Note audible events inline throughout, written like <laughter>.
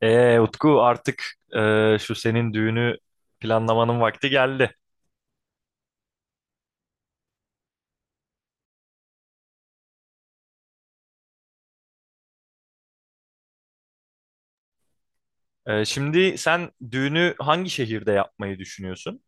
Utku artık şu senin düğünü planlamanın vakti geldi. Şimdi sen düğünü hangi şehirde yapmayı düşünüyorsun?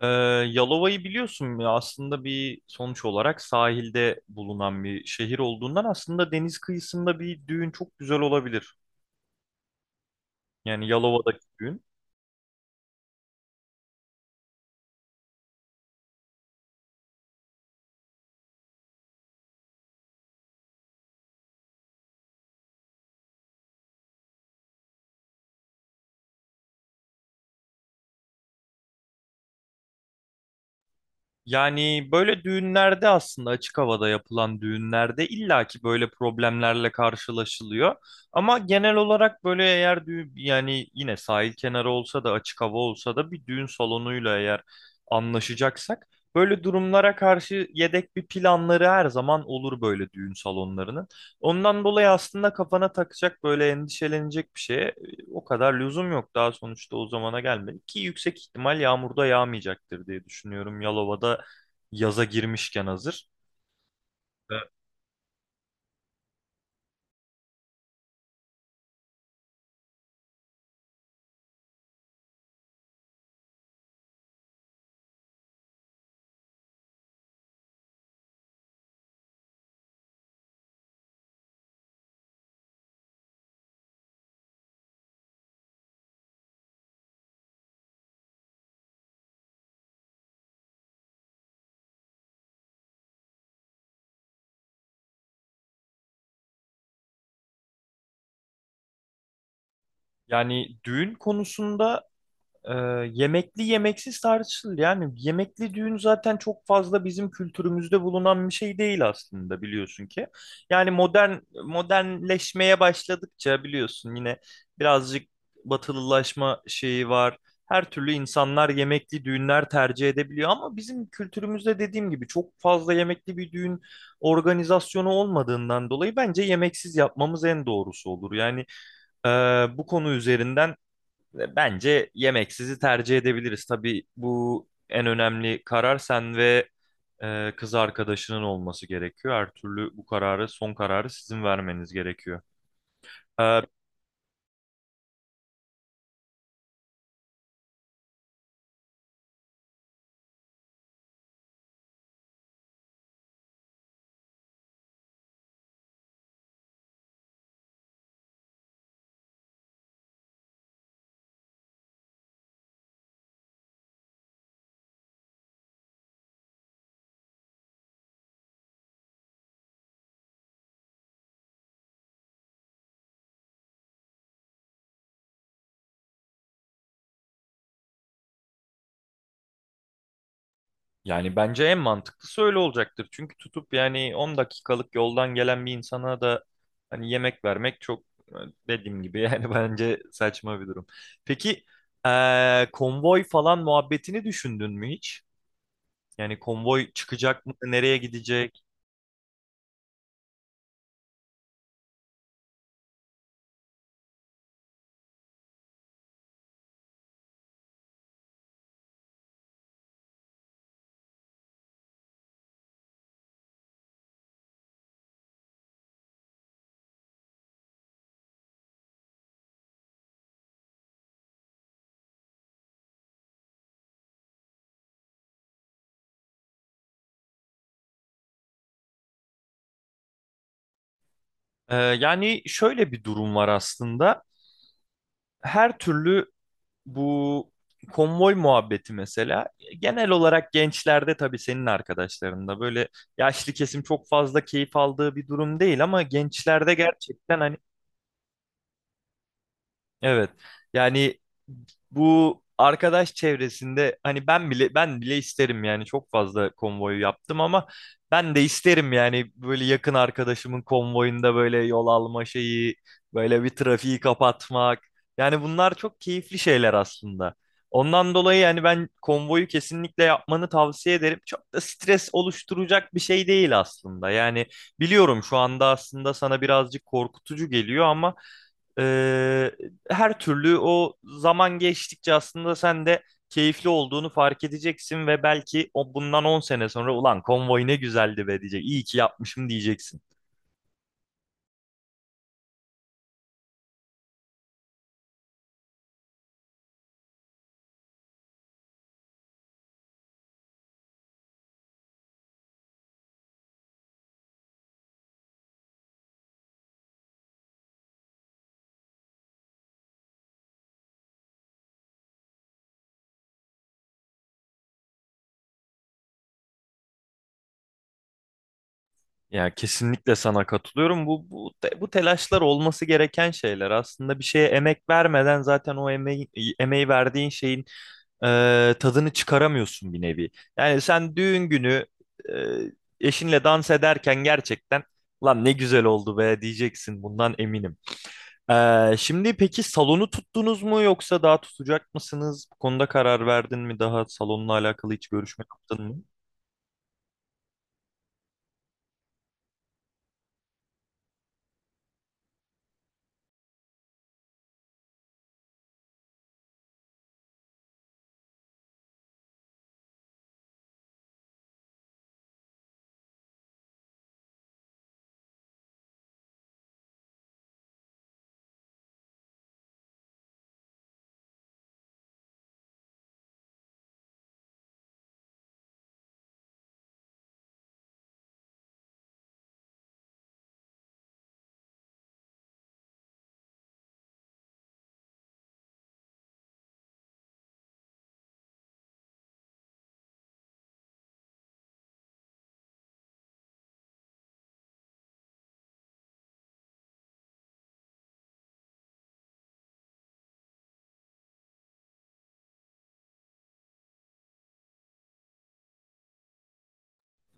E, Yalova'yı biliyorsun ya aslında bir sonuç olarak sahilde bulunan bir şehir olduğundan aslında deniz kıyısında bir düğün çok güzel olabilir. Yani Yalova'daki düğün. Yani böyle düğünlerde aslında açık havada yapılan düğünlerde illaki böyle problemlerle karşılaşılıyor. Ama genel olarak böyle eğer düğün yani yine sahil kenarı olsa da açık hava olsa da bir düğün salonuyla eğer anlaşacaksak böyle durumlara karşı yedek bir planları her zaman olur böyle düğün salonlarının. Ondan dolayı aslında kafana takacak böyle endişelenecek bir şey o kadar lüzum yok daha sonuçta o zamana gelmedik ki yüksek ihtimal yağmurda yağmayacaktır diye düşünüyorum. Yalova'da yaza girmişken hazır. Evet. Yani düğün konusunda Ee, yemekli yemeksiz tartışılır. Yani yemekli düğün zaten çok fazla bizim kültürümüzde bulunan bir şey değil aslında biliyorsun ki. Yani modernleşmeye başladıkça biliyorsun yine birazcık batılılaşma şeyi var. Her türlü insanlar yemekli düğünler tercih edebiliyor ama bizim kültürümüzde dediğim gibi çok fazla yemekli bir düğün organizasyonu olmadığından dolayı bence yemeksiz yapmamız en doğrusu olur. Yani e, bu konu üzerinden bence yemeksizi tercih edebiliriz. Tabii bu en önemli karar sen ve kız arkadaşının olması gerekiyor. Her türlü bu kararı, son kararı sizin vermeniz gerekiyor. E, Yani bence en mantıklısı öyle olacaktır. Çünkü tutup yani 10 dakikalık yoldan gelen bir insana da hani yemek vermek çok dediğim gibi <laughs> yani bence saçma bir durum. Peki konvoy falan muhabbetini düşündün mü hiç? Yani konvoy çıkacak mı? Nereye gidecek? Yani şöyle bir durum var aslında. Her türlü bu konvoy muhabbeti mesela genel olarak gençlerde tabii senin arkadaşlarında böyle yaşlı kesim çok fazla keyif aldığı bir durum değil ama gençlerde gerçekten hani evet. Yani bu arkadaş çevresinde hani ben bile isterim yani çok fazla konvoyu yaptım ama ben de isterim yani böyle yakın arkadaşımın konvoyunda böyle yol alma şeyi, böyle bir trafiği kapatmak. Yani bunlar çok keyifli şeyler aslında. Ondan dolayı yani ben konvoyu kesinlikle yapmanı tavsiye ederim. Çok da stres oluşturacak bir şey değil aslında. Yani biliyorum şu anda aslında sana birazcık korkutucu geliyor ama ee, her türlü o zaman geçtikçe aslında sen de keyifli olduğunu fark edeceksin ve belki o bundan 10 sene sonra ulan konvoy ne güzeldi be diyecek. İyi ki yapmışım diyeceksin. Yani kesinlikle sana katılıyorum. Bu telaşlar olması gereken şeyler. Aslında bir şeye emek vermeden zaten emeği verdiğin şeyin tadını çıkaramıyorsun bir nevi. Yani sen düğün günü eşinle dans ederken gerçekten lan ne güzel oldu be diyeceksin bundan eminim. Şimdi peki salonu tuttunuz mu yoksa daha tutacak mısınız? Bu konuda karar verdin mi? Daha salonla alakalı hiç görüşme yaptın mı?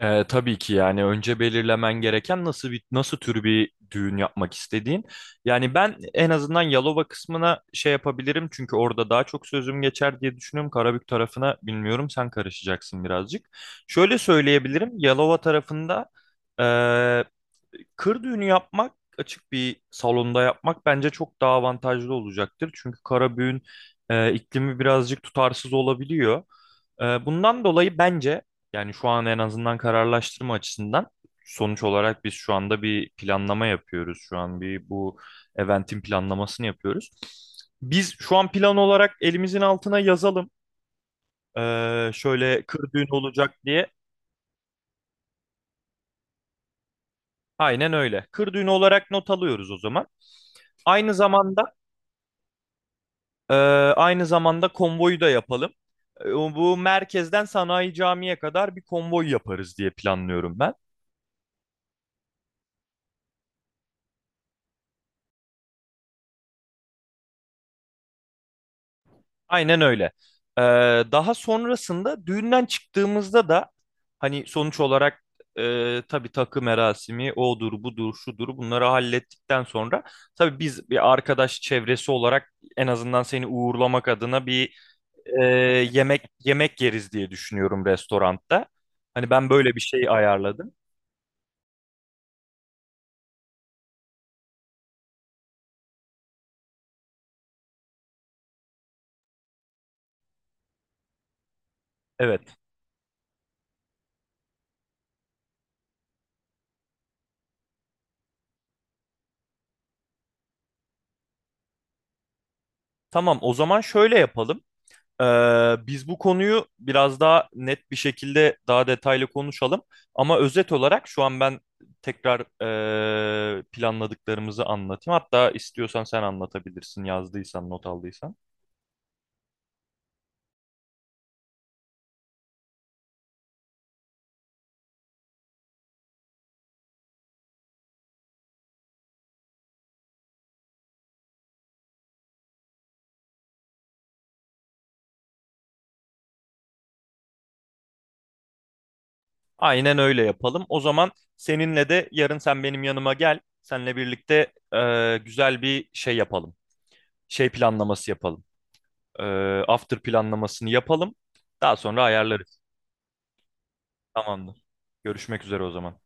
Tabii ki yani önce belirlemen gereken nasıl tür bir düğün yapmak istediğin. Yani ben en azından Yalova kısmına şey yapabilirim çünkü orada daha çok sözüm geçer diye düşünüyorum. Karabük tarafına bilmiyorum sen karışacaksın birazcık. Şöyle söyleyebilirim Yalova tarafında kır düğünü yapmak açık bir salonda yapmak bence çok daha avantajlı olacaktır. Çünkü kara büğün iklimi birazcık tutarsız olabiliyor. Bundan dolayı bence yani şu an en azından kararlaştırma açısından sonuç olarak biz şu anda bir planlama yapıyoruz. Şu an bir bu eventin planlamasını yapıyoruz. Biz şu an plan olarak elimizin altına yazalım. Şöyle kır düğünü olacak diye. Aynen öyle. Kır düğünü olarak not alıyoruz o zaman. Aynı zamanda Ee, aynı zamanda konvoyu da yapalım. Bu merkezden Sanayi Camii'ye kadar bir konvoy yaparız diye planlıyorum ben. Aynen öyle. Ee, Daha sonrasında düğünden çıktığımızda da hani sonuç olarak tabii takı merasimi odur budur şudur bunları hallettikten sonra tabii biz bir arkadaş çevresi olarak en azından seni uğurlamak adına bir e, yemek yeriz diye düşünüyorum restoranda. Hani ben böyle bir şey ayarladım. Evet. Tamam, o zaman şöyle yapalım. Biz bu konuyu biraz daha net bir şekilde daha detaylı konuşalım. Ama özet olarak şu an ben tekrar planladıklarımızı anlatayım. Hatta istiyorsan sen anlatabilirsin, yazdıysan, not aldıysan. Aynen öyle yapalım. O zaman seninle de yarın sen benim yanıma gel. Seninle birlikte güzel bir şey yapalım. Şey planlaması yapalım. Ee, After planlamasını yapalım. Daha sonra ayarlarız. Tamamdır. Görüşmek üzere o zaman.